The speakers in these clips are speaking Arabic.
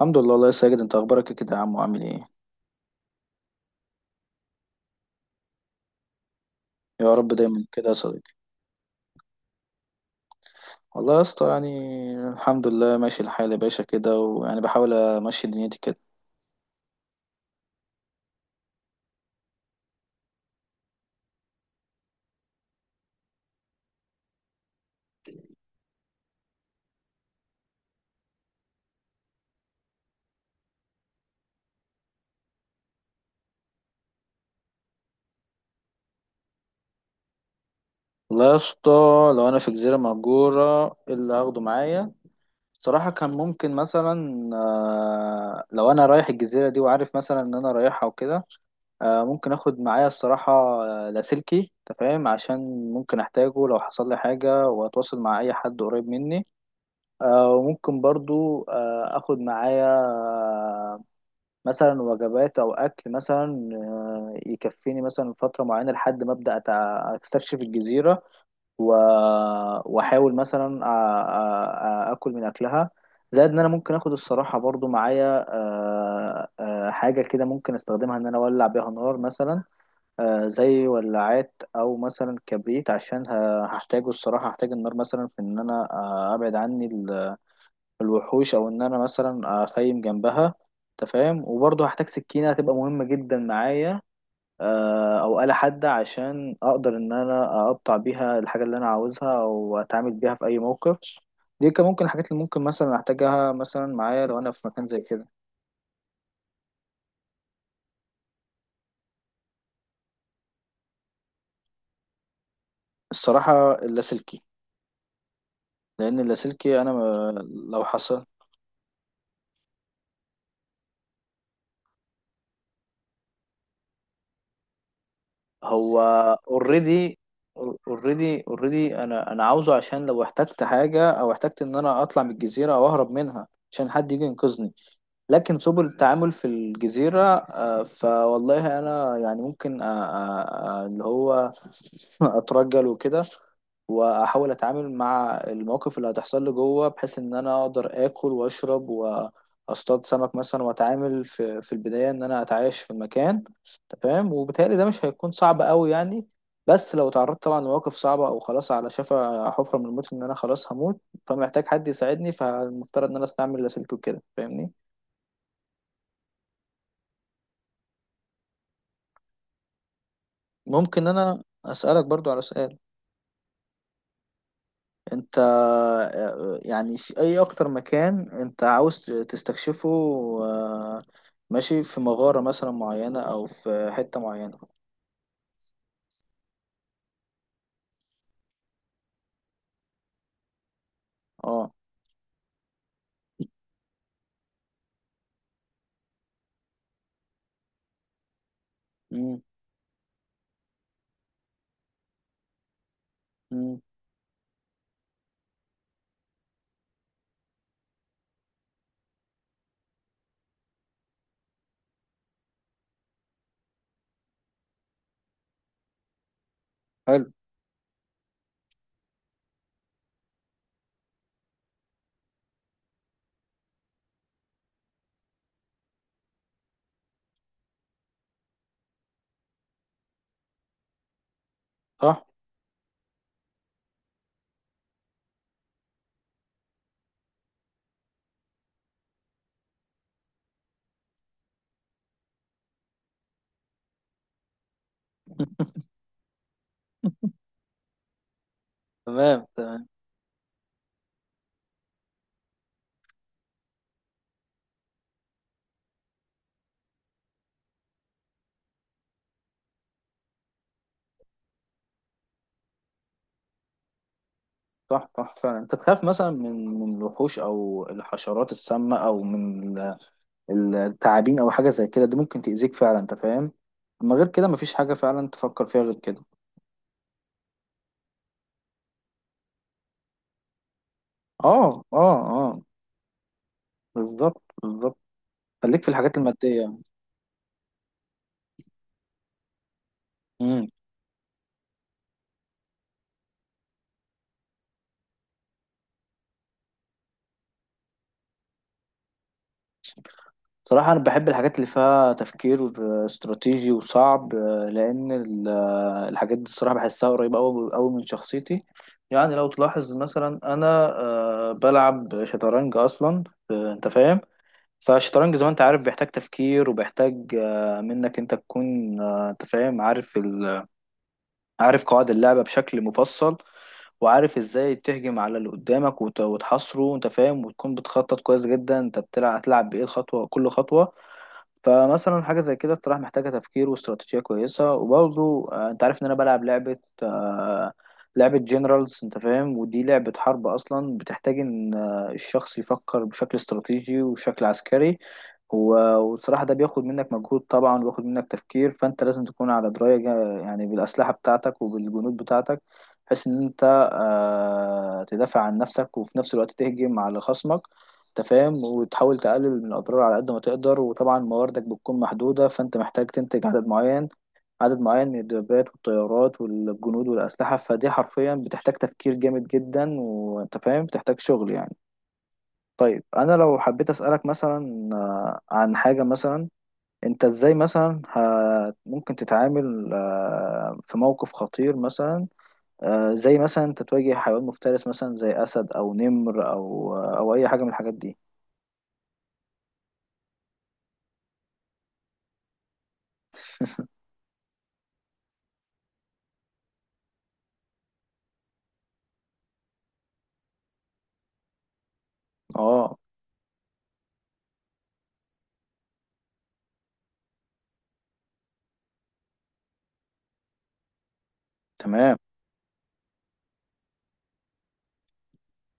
الحمد لله، الله يا ساجد، انت اخبارك إيه كده يا عم وعامل ايه؟ يا رب دايما كده يا صديقي. والله يا اسطى، يعني الحمد لله ماشي الحال يا باشا كده، ويعني بحاول امشي دنيتي كده. والله يا اسطى، لو انا في جزيره مهجوره ايه اللي هاخده معايا؟ صراحه كان ممكن مثلا لو انا رايح الجزيره دي وعارف مثلا ان انا رايحها وكده. ممكن اخد معايا الصراحه لاسلكي، انت فاهم، عشان ممكن احتاجه لو حصل لي حاجه واتواصل مع اي حد قريب مني. وممكن برضو اخد معايا مثلا وجبات او اكل مثلا يكفيني مثلا فتره معينه لحد ما ابدا استكشف الجزيره. و- واحاول مثلا اكل من اكلها. زائد ان انا ممكن اخد الصراحه برضو معايا حاجه كده ممكن استخدمها ان انا اولع بيها نار مثلا. زي ولاعات او مثلا كبريت عشان هحتاجه، الصراحه هحتاج النار مثلا في ان انا ابعد عني الوحوش، او ان انا مثلا اخيم جنبها، انت فاهم. وبرضه هحتاج سكينه هتبقى مهمه جدا معايا، او آلة حادة عشان اقدر ان انا اقطع بيها الحاجه اللي انا عاوزها، او اتعامل بيها في اي موقف. دي كان ممكن الحاجات اللي ممكن مثلا احتاجها مثلا معايا لو انا في مكان زي كده. الصراحه اللاسلكي، لان اللاسلكي انا. لو حصل، هو اوريدي اوريدي. انا عاوزه، عشان لو احتجت حاجه او احتجت ان انا اطلع من الجزيره او اهرب منها، عشان حد يجي ينقذني. لكن سبل التعامل في الجزيرة، فوالله أنا يعني ممكن اللي هو أترجل وكده، وأحاول أتعامل مع المواقف اللي هتحصل لي جوه، بحيث إن أنا أقدر آكل وأشرب وأصطاد سمك مثلا، وأتعامل في البداية إن أنا أتعايش في المكان، أنت فاهم، وبالتهيألي ده مش هيكون صعب أوي يعني. بس لو تعرضت طبعا لمواقف صعبة، أو خلاص على شفا حفرة من الموت إن أنا خلاص هموت، فمحتاج حد يساعدني، فالمفترض إن أنا أستعمل لاسلكي وكده، فاهمني؟ ممكن انا اسالك برضو على سؤال؟ انت يعني في اي اكتر مكان انت عاوز تستكشفه؟ آه، ماشي، في مغارة مثلا معينة او في حتة معينة؟ اه. امم. امم. حلو. صح. تمام، تمام. صح، صح، فعلا انت تخاف مثلا من الوحوش او الحشرات السامة او من التعابين او حاجة زي كده، دي ممكن تأذيك فعلا، انت فاهم. اما غير كده مفيش حاجة فعلا تفكر فيها غير كده. اه، اه، اه، بالظبط، بالظبط، خليك في الحاجات المادية. امم. صراحة أنا بحب الحاجات اللي فيها تفكير استراتيجي وصعب، لأن الحاجات دي الصراحة بحسها قريبة أوي أوي من شخصيتي. يعني لو تلاحظ مثلا أنا بلعب شطرنج أصلا، أنت فاهم. فالشطرنج زي ما أنت عارف بيحتاج تفكير وبيحتاج منك أنت تكون أنت فاهم، عارف عارف قواعد اللعبة بشكل مفصل، وعارف ازاي تهجم على اللي قدامك وتحاصره، انت فاهم، وتكون بتخطط كويس جدا، انت بتلعب هتلعب بايه الخطوه كل خطوه. فمثلا حاجة زي كده بصراحة محتاجة تفكير واستراتيجية كويسة، وبرضه انت عارف ان انا بلعب آه، لعبة جنرالز، انت فاهم، ودي لعبة حرب اصلا بتحتاج ان الشخص يفكر بشكل استراتيجي وبشكل عسكري. وبصراحة ده بياخد منك مجهود طبعا، وبياخد منك تفكير، فانت لازم تكون على دراية يعني بالأسلحة بتاعتك وبالجنود بتاعتك، بحيث ان انت تدافع عن نفسك وفي نفس الوقت تهجم على خصمك، انت فاهم، وتحاول تقلل من الاضرار على قد ما تقدر. وطبعا مواردك بتكون محدوده، فانت محتاج تنتج عدد معين من الدبابات والطيارات والجنود والاسلحه، فدي حرفيا بتحتاج تفكير جامد جدا، وانت فاهم، بتحتاج شغل يعني. طيب انا لو حبيت اسالك مثلا عن حاجه مثلا، انت ازاي مثلا ممكن تتعامل في موقف خطير مثلا، زي مثلا انت تواجه حيوان مفترس مثلا زي اسد او نمر او اي حاجه من الحاجات دي؟ اه، تمام.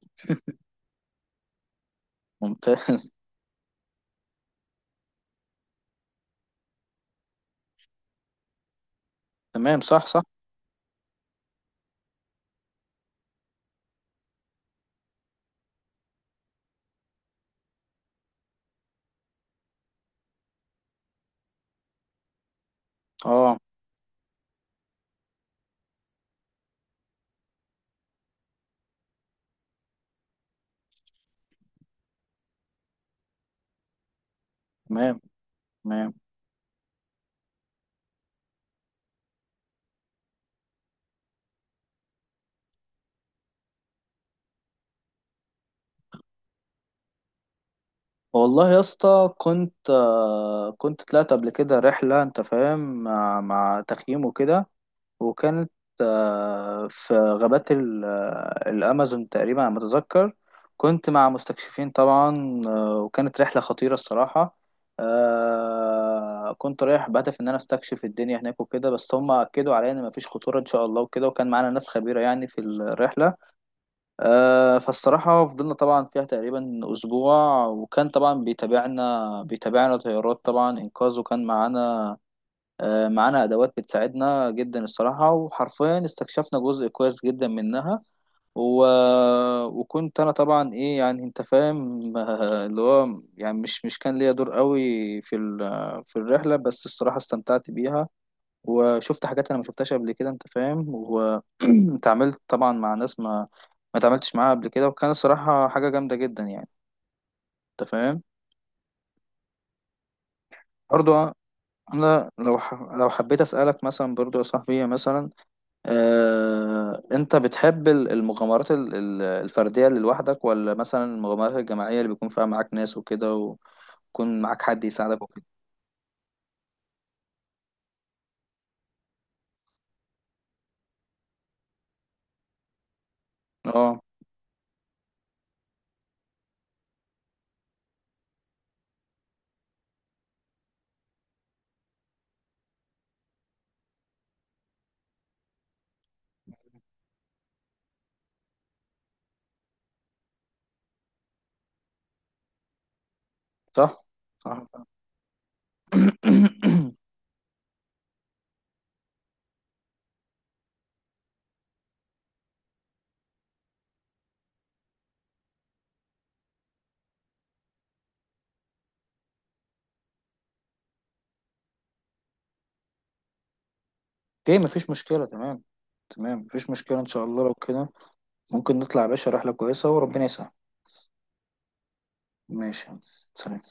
ممتاز. تمام. صح، صح. اه، تمام، تمام. والله يا اسطى، كنت طلعت قبل كده رحلة، انت فاهم، مع تخييم وكده، وكانت في غابات الأمازون تقريبا على ما أتذكر. كنت مع مستكشفين طبعا، وكانت رحلة خطيرة الصراحة. كنت رايح بهدف إن أنا أستكشف الدنيا هناك وكده، بس هم أكدوا عليا إن مفيش خطورة إن شاء الله وكده، وكان معانا ناس خبيرة يعني في الرحلة. فالصراحة فضلنا طبعا فيها تقريبا أسبوع، وكان طبعا بيتابعنا طيارات طبعا إنقاذ، وكان معانا أدوات بتساعدنا جدا الصراحة، وحرفيا استكشفنا جزء كويس جدا منها. و... وكنت أنا طبعا إيه، يعني أنت فاهم، اللي هو يعني مش كان ليا دور قوي في ال... في الرحلة، بس الصراحة استمتعت بيها، وشفت حاجات انا ما شفتهاش قبل كده، انت فاهم، واتعاملت طبعا مع ناس ما اتعاملتش معاها قبل كده، وكان الصراحة حاجة جامدة جدا يعني، انت فاهم. برضو، انا لو حبيت اسالك مثلا برضو يا صاحبي مثلا، انت بتحب المغامرات الفردية اللي لوحدك، ولا مثلا المغامرات الجماعية اللي بيكون فيها معاك ناس وكده، ويكون معاك حد يساعدك وكده؟ اه، صح، صح. اوكي، مفيش مشكلة. تمام، تمام، مفيش مشكلة ان شاء الله لو كده. ممكن نطلع يا باشا رحلة كويسة وربنا يسهل. ماشي يا هندسة. سلام.